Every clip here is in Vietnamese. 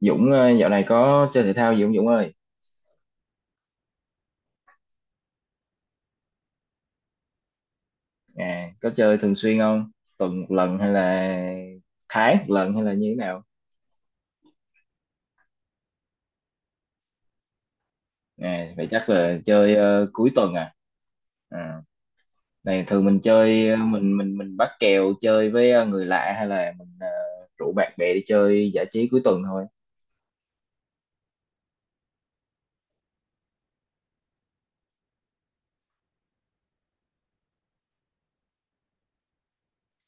Dũng, dạo này có chơi thể thao gì không Dũng ơi? À, có chơi thường xuyên không? Tuần một lần hay là tháng một lần hay là như thế nào? À, vậy chắc là chơi cuối tuần à? À? Này thường mình chơi mình bắt kèo chơi với người lạ hay là rủ bạn bè đi chơi giải trí cuối tuần thôi.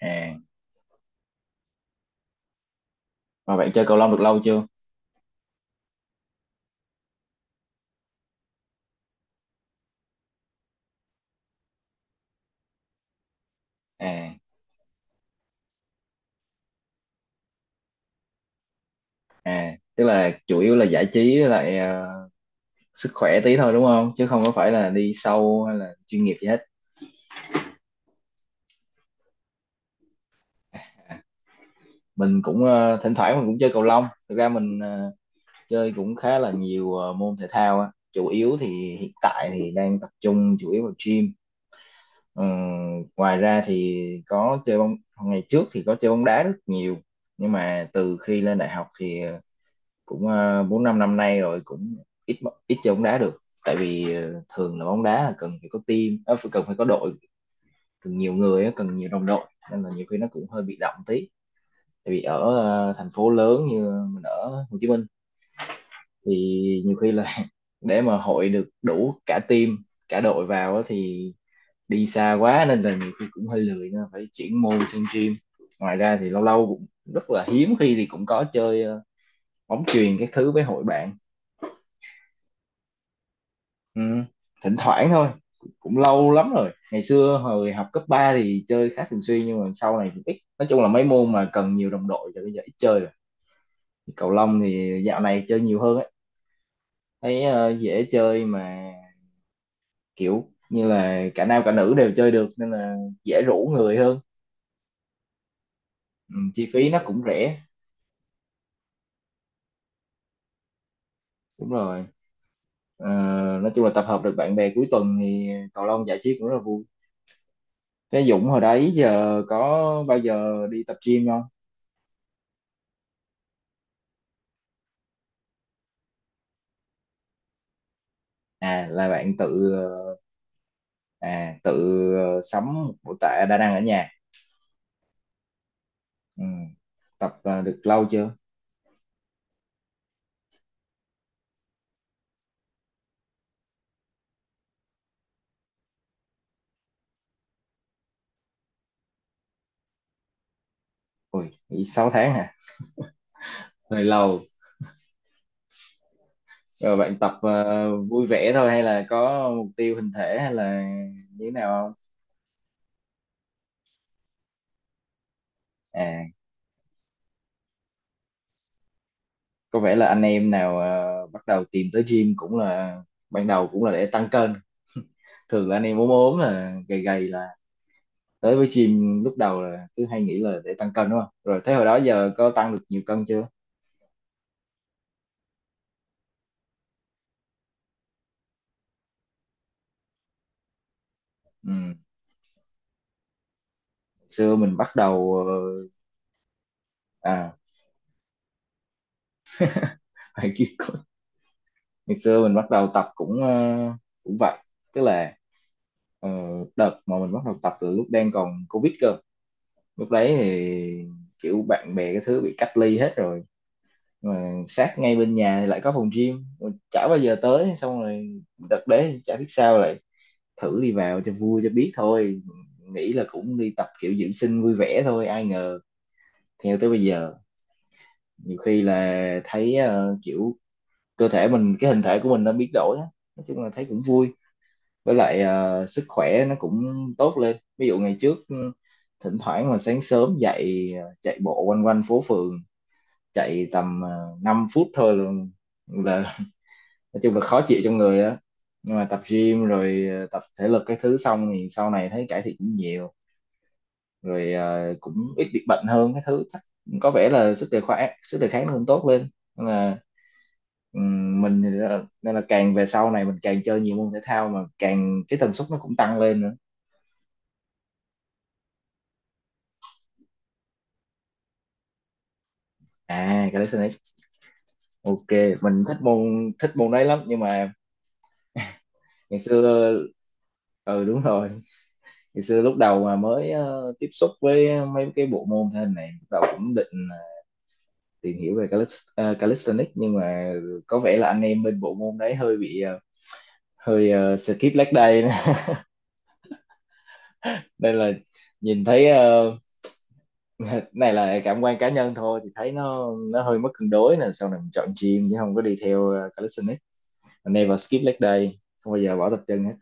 À, mà bạn chơi cầu lông được lâu chưa? À, à, tức là chủ yếu là giải trí với lại sức khỏe tí thôi đúng không? Chứ không có phải là đi sâu hay là chuyên nghiệp gì hết. Mình cũng thỉnh thoảng mình cũng chơi cầu lông. Thực ra mình chơi cũng khá là nhiều môn thể thao á, chủ yếu thì hiện tại thì đang tập trung chủ yếu vào gym. Ờ, Ngoài ra thì có chơi bóng, ngày trước thì có chơi bóng đá rất nhiều, nhưng mà từ khi lên đại học thì bốn năm năm nay rồi cũng ít ít chơi bóng đá được. Tại vì thường là bóng đá là cần phải có team, ờ, phải cần phải có đội, cần nhiều người á, cần nhiều đồng đội, nên là nhiều khi nó cũng hơi bị động tí. Tại vì ở thành phố lớn như mình ở Hồ Chí Minh thì nhiều khi là để mà hội được đủ cả team, cả đội vào á thì đi xa quá, nên là nhiều khi cũng hơi lười, nên là phải chuyển môn sang gym. Ngoài ra thì lâu lâu cũng rất là hiếm khi thì cũng có chơi bóng chuyền các thứ với hội bạn. Ừ, thỉnh thoảng thôi. Cũng lâu lắm rồi, ngày xưa hồi học cấp 3 thì chơi khá thường xuyên, nhưng mà sau này cũng ít. Nói chung là mấy môn mà cần nhiều đồng đội thì bây giờ ít chơi rồi, cầu lông thì dạo này chơi nhiều hơn á. Thấy dễ chơi mà, kiểu như là cả nam cả nữ đều chơi được nên là dễ rủ người hơn. Ừ, chi phí nó cũng rẻ. Đúng rồi. Ờ, nói chung là tập hợp được bạn bè cuối tuần thì cầu lông giải trí cũng rất là vui. Thế Dũng hồi đấy giờ có bao giờ đi tập gym không? À là bạn tự à tự sắm một bộ tạ đa năng ở nhà. Ừ, tập được lâu chưa? Ui, nghĩ 6 tháng hả? Hơi lâu. Rồi bạn tập vui vẻ thôi hay là có mục tiêu hình thể hay là như thế nào không? À, có vẻ là anh em nào bắt đầu tìm tới gym cũng là ban đầu cũng là để tăng cân. Thường là anh em ốm ốm là gầy gầy là tới với gym lúc đầu là cứ hay nghĩ là để tăng cân đúng không? Rồi thế hồi đó giờ có tăng được nhiều cân chưa? Ừ. Xưa mình bắt đầu à phải kêu cô- ngày xưa mình bắt đầu tập cũng cũng vậy, tức là ờ, đợt mà mình bắt đầu tập từ lúc đang còn Covid cơ. Lúc đấy thì kiểu bạn bè cái thứ bị cách ly hết rồi, mà sát ngay bên nhà thì lại có phòng gym chả bao giờ tới. Xong rồi đợt đấy chả biết sao lại thử đi vào cho vui cho biết thôi, nghĩ là cũng đi tập kiểu dưỡng sinh vui vẻ thôi, ai ngờ theo tới bây giờ. Nhiều khi là thấy kiểu cơ thể mình, cái hình thể của mình nó biến đổi á, nói chung là thấy cũng vui. Với lại sức khỏe nó cũng tốt lên. Ví dụ ngày trước ừ, thỉnh thoảng mà sáng sớm dậy chạy bộ quanh quanh phố phường, chạy tầm 5 phút thôi luôn, là nói chung là khó chịu trong người á. Nhưng mà tập gym rồi tập thể lực cái thứ xong thì sau này thấy cải thiện cũng nhiều. Rồi cũng ít bị bệnh hơn cái thứ, chắc có vẻ là sức đề kháng nó cũng tốt lên, nên là mình thì đó- nên là càng về sau này mình càng chơi nhiều môn thể thao, mà càng cái tần suất nó cũng tăng lên nữa. À, calisthenics, ok. Mình thích môn đấy lắm, nhưng mà ngày xưa ừ đúng rồi, thì xưa lúc đầu mà mới tiếp xúc với mấy cái bộ môn thể hình này, lúc đầu cũng định tìm hiểu về calist, calisthenics, nhưng mà có vẻ là anh em bên bộ môn đấy hơi bị skip leg day nên là nhìn thấy này là cảm quan cá nhân thôi, thì thấy nó hơi mất cân đối nên sau này mình chọn gym chứ không có đi theo calisthenics. Never skip leg day, không bao giờ bỏ tập chân hết.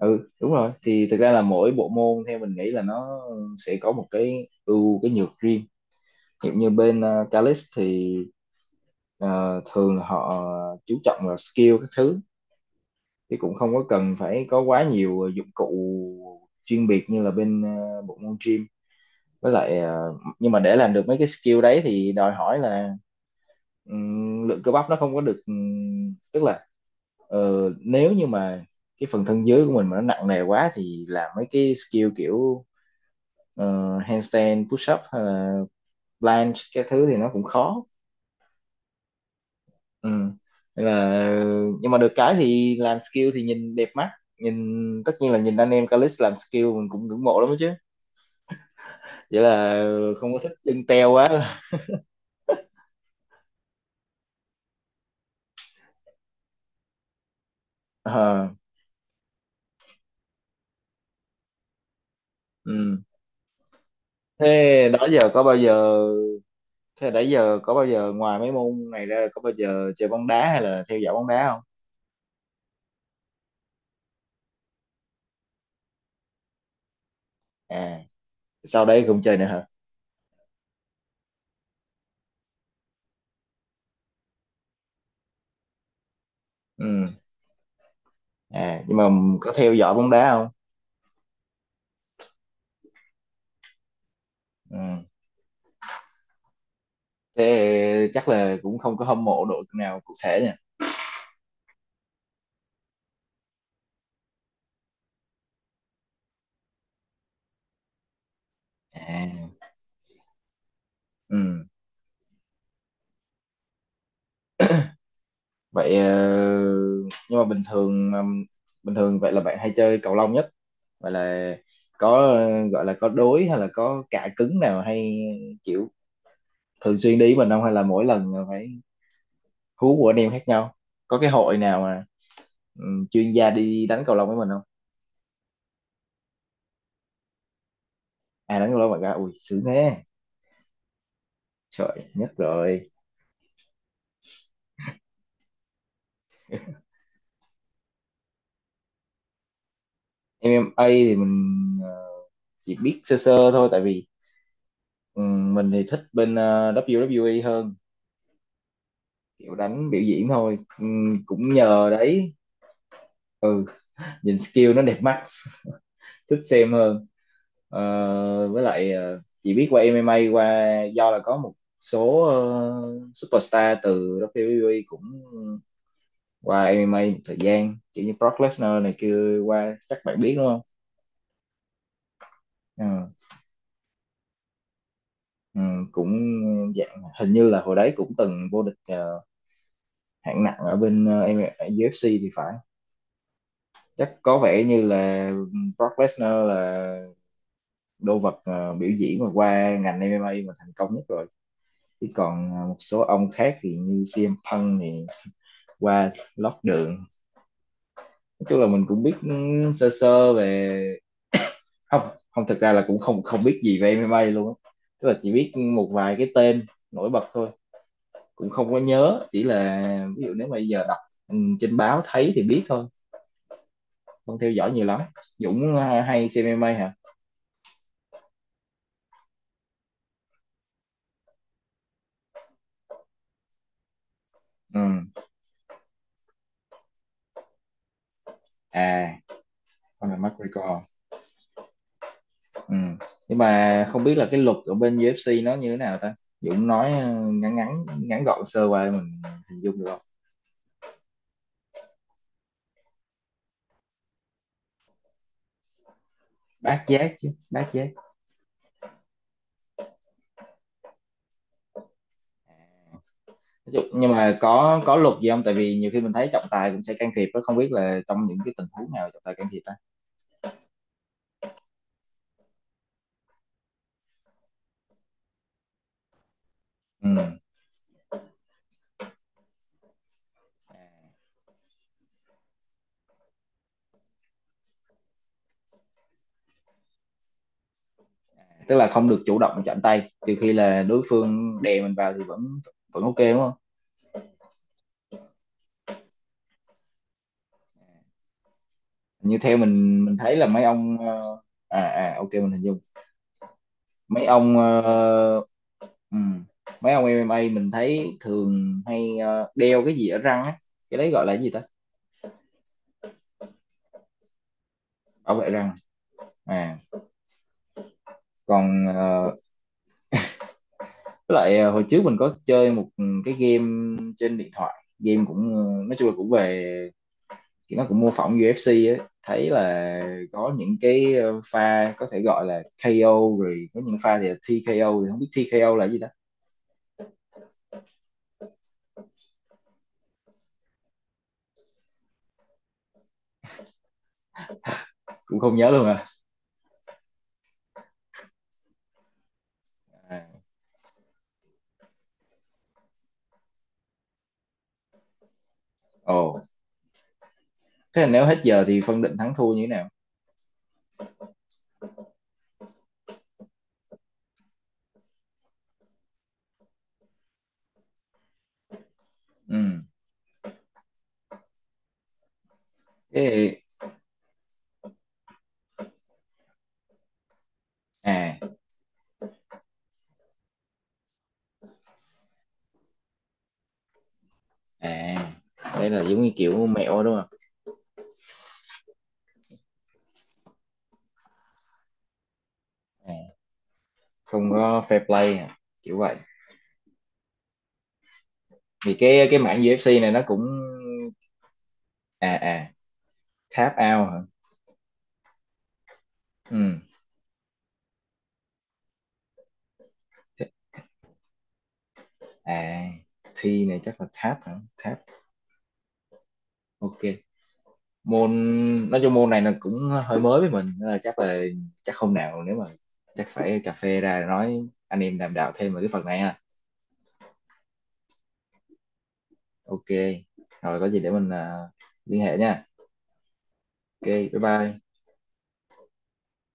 Ừ đúng rồi, thì thực ra là mỗi bộ môn theo mình nghĩ là nó sẽ có một cái ưu cái nhược riêng. Hiện như bên Calix thì ờ, thường là họ chú trọng vào skill các thứ, thì cũng không có cần phải có quá nhiều dụng cụ chuyên biệt như là bên bộ môn gym. Với lại nhưng mà để làm được mấy cái skill đấy thì đòi hỏi là lượng cơ bắp nó không có được, tức là nếu như mà cái phần thân dưới của mình mà nó nặng nề quá thì làm mấy cái skill kiểu handstand push up hay là planche cái thứ thì nó cũng khó. Ừ. Nên là nhưng mà được cái thì làm skill thì nhìn đẹp mắt, nhìn tất nhiên là nhìn anh em Calix làm skill mình cũng ngưỡng mộ lắm đó chứ. Vậy là không có thích chân teo quá Ờ, ừ. Thế đó giờ có bao giờ thế nãy giờ có bao giờ ngoài mấy môn này ra có bao giờ chơi bóng đá hay là theo dõi bóng đá không? À, sau đây cũng chơi nữa hả? Ừ. À, nhưng mà có theo dõi bóng đá không? Ừ. Thế chắc là cũng không có hâm mộ đội nào cụ thể nha? À, ừ. Vậy nhưng mà bình thường vậy là bạn hay chơi cầu lông nhất, vậy là có gọi là có đối hay là có cạ cứng nào hay chịu thường xuyên đi với mình không, hay là mỗi lần là phải hú của anh em khác nhau? Có cái hội nào mà chuyên gia đi đánh cầu lông với mình không? À đánh cầu lông bạn ra ui sướng thế, trời nhất rồi. MMA thì mình ờ, chỉ biết sơ sơ thôi, tại vì mình thì thích bên WWE hơn, kiểu đánh biểu diễn thôi. Cũng nhờ đấy, ừ, nhìn skill nó đẹp mắt thích xem hơn. Ờ, với lại chỉ biết qua MMA, qua do là có một số superstar từ WWE cũng qua MMA một thời gian kiểu như Brock Lesnar này kia qua, chắc bạn biết đúng không? Ừ, ừ, cũng dạng hình như là hồi đấy cũng từng vô địch hạng nặng ở bên UFC thì phải, chắc có vẻ như là Brock Lesnar là đô vật biểu diễn mà qua ngành MMA mà thành công nhất rồi. Chứ còn một số ông khác thì như CM Punk thì qua lót đường. Nói chung là mình cũng biết ừ, sơ sơ về không, không thực ra là cũng không không biết gì về MMA luôn á, tức là chỉ biết một vài cái tên nổi bật thôi, cũng không có nhớ, chỉ là ví dụ nếu mà giờ đọc ừ, trên báo thấy thì biết thôi, không theo dõi nhiều lắm. Dũng hay xem MMA hả? Ừ. À, con là McGregor. Ừ. Nhưng mà không biết là cái luật ở bên UFC nó như thế nào ta. Dũng nói ờ, ngắn ngắn ngắn gọn sơ qua để mình hình dung được không? Bát giác, chứ bát giác. Nói chung- nhưng mà có luật gì không, tại vì nhiều khi mình thấy trọng tài cũng sẽ can thiệp đó, không biết là trong những cái tình huống nào trọng tài can thiệp ta? Ừ. À, à, tức là không được chủ động chạm tay, trừ khi là đối phương đè mình vào thì vẫn vẫn ok đúng không? Như theo mình thấy là mấy ông à à ok mình hình dung mấy ông Ừ. Mấy ông MMA mình thấy thường hay đeo cái gì ở răng á, cái đấy gọi là cái gì ta? Bảo vệ răng. À, còn với lại hồi trước mình có chơi một cái game trên điện thoại, game cũng nói chung là cũng về, nó cũng mô phỏng UFC ấy, thấy là có những cái pha có thể gọi là KO, rồi có những pha thì là TKO, thì không biết TKO là cái gì ta, cũng không nhớ luôn à. À. Ồ, thế là nếu hết giờ thì phân định thắng thua như thế nào? Ừ. Thế, à à, đấy là giống như kiểu mẹo đúng không? À, không có fair play à, kiểu vậy? Thì cái mảng UFC này nó cũng à à tap out hả? Ừ. À, T này chắc là tap hả, tap. Ok, môn nói chung môn này là cũng hơi mới với mình, nên là chắc hôm nào nếu mà chắc phải cà phê ra nói, anh em đàm đạo thêm về cái phần này ha. Ok, rồi có gì để mình liên hệ nha. Ok, bye bye.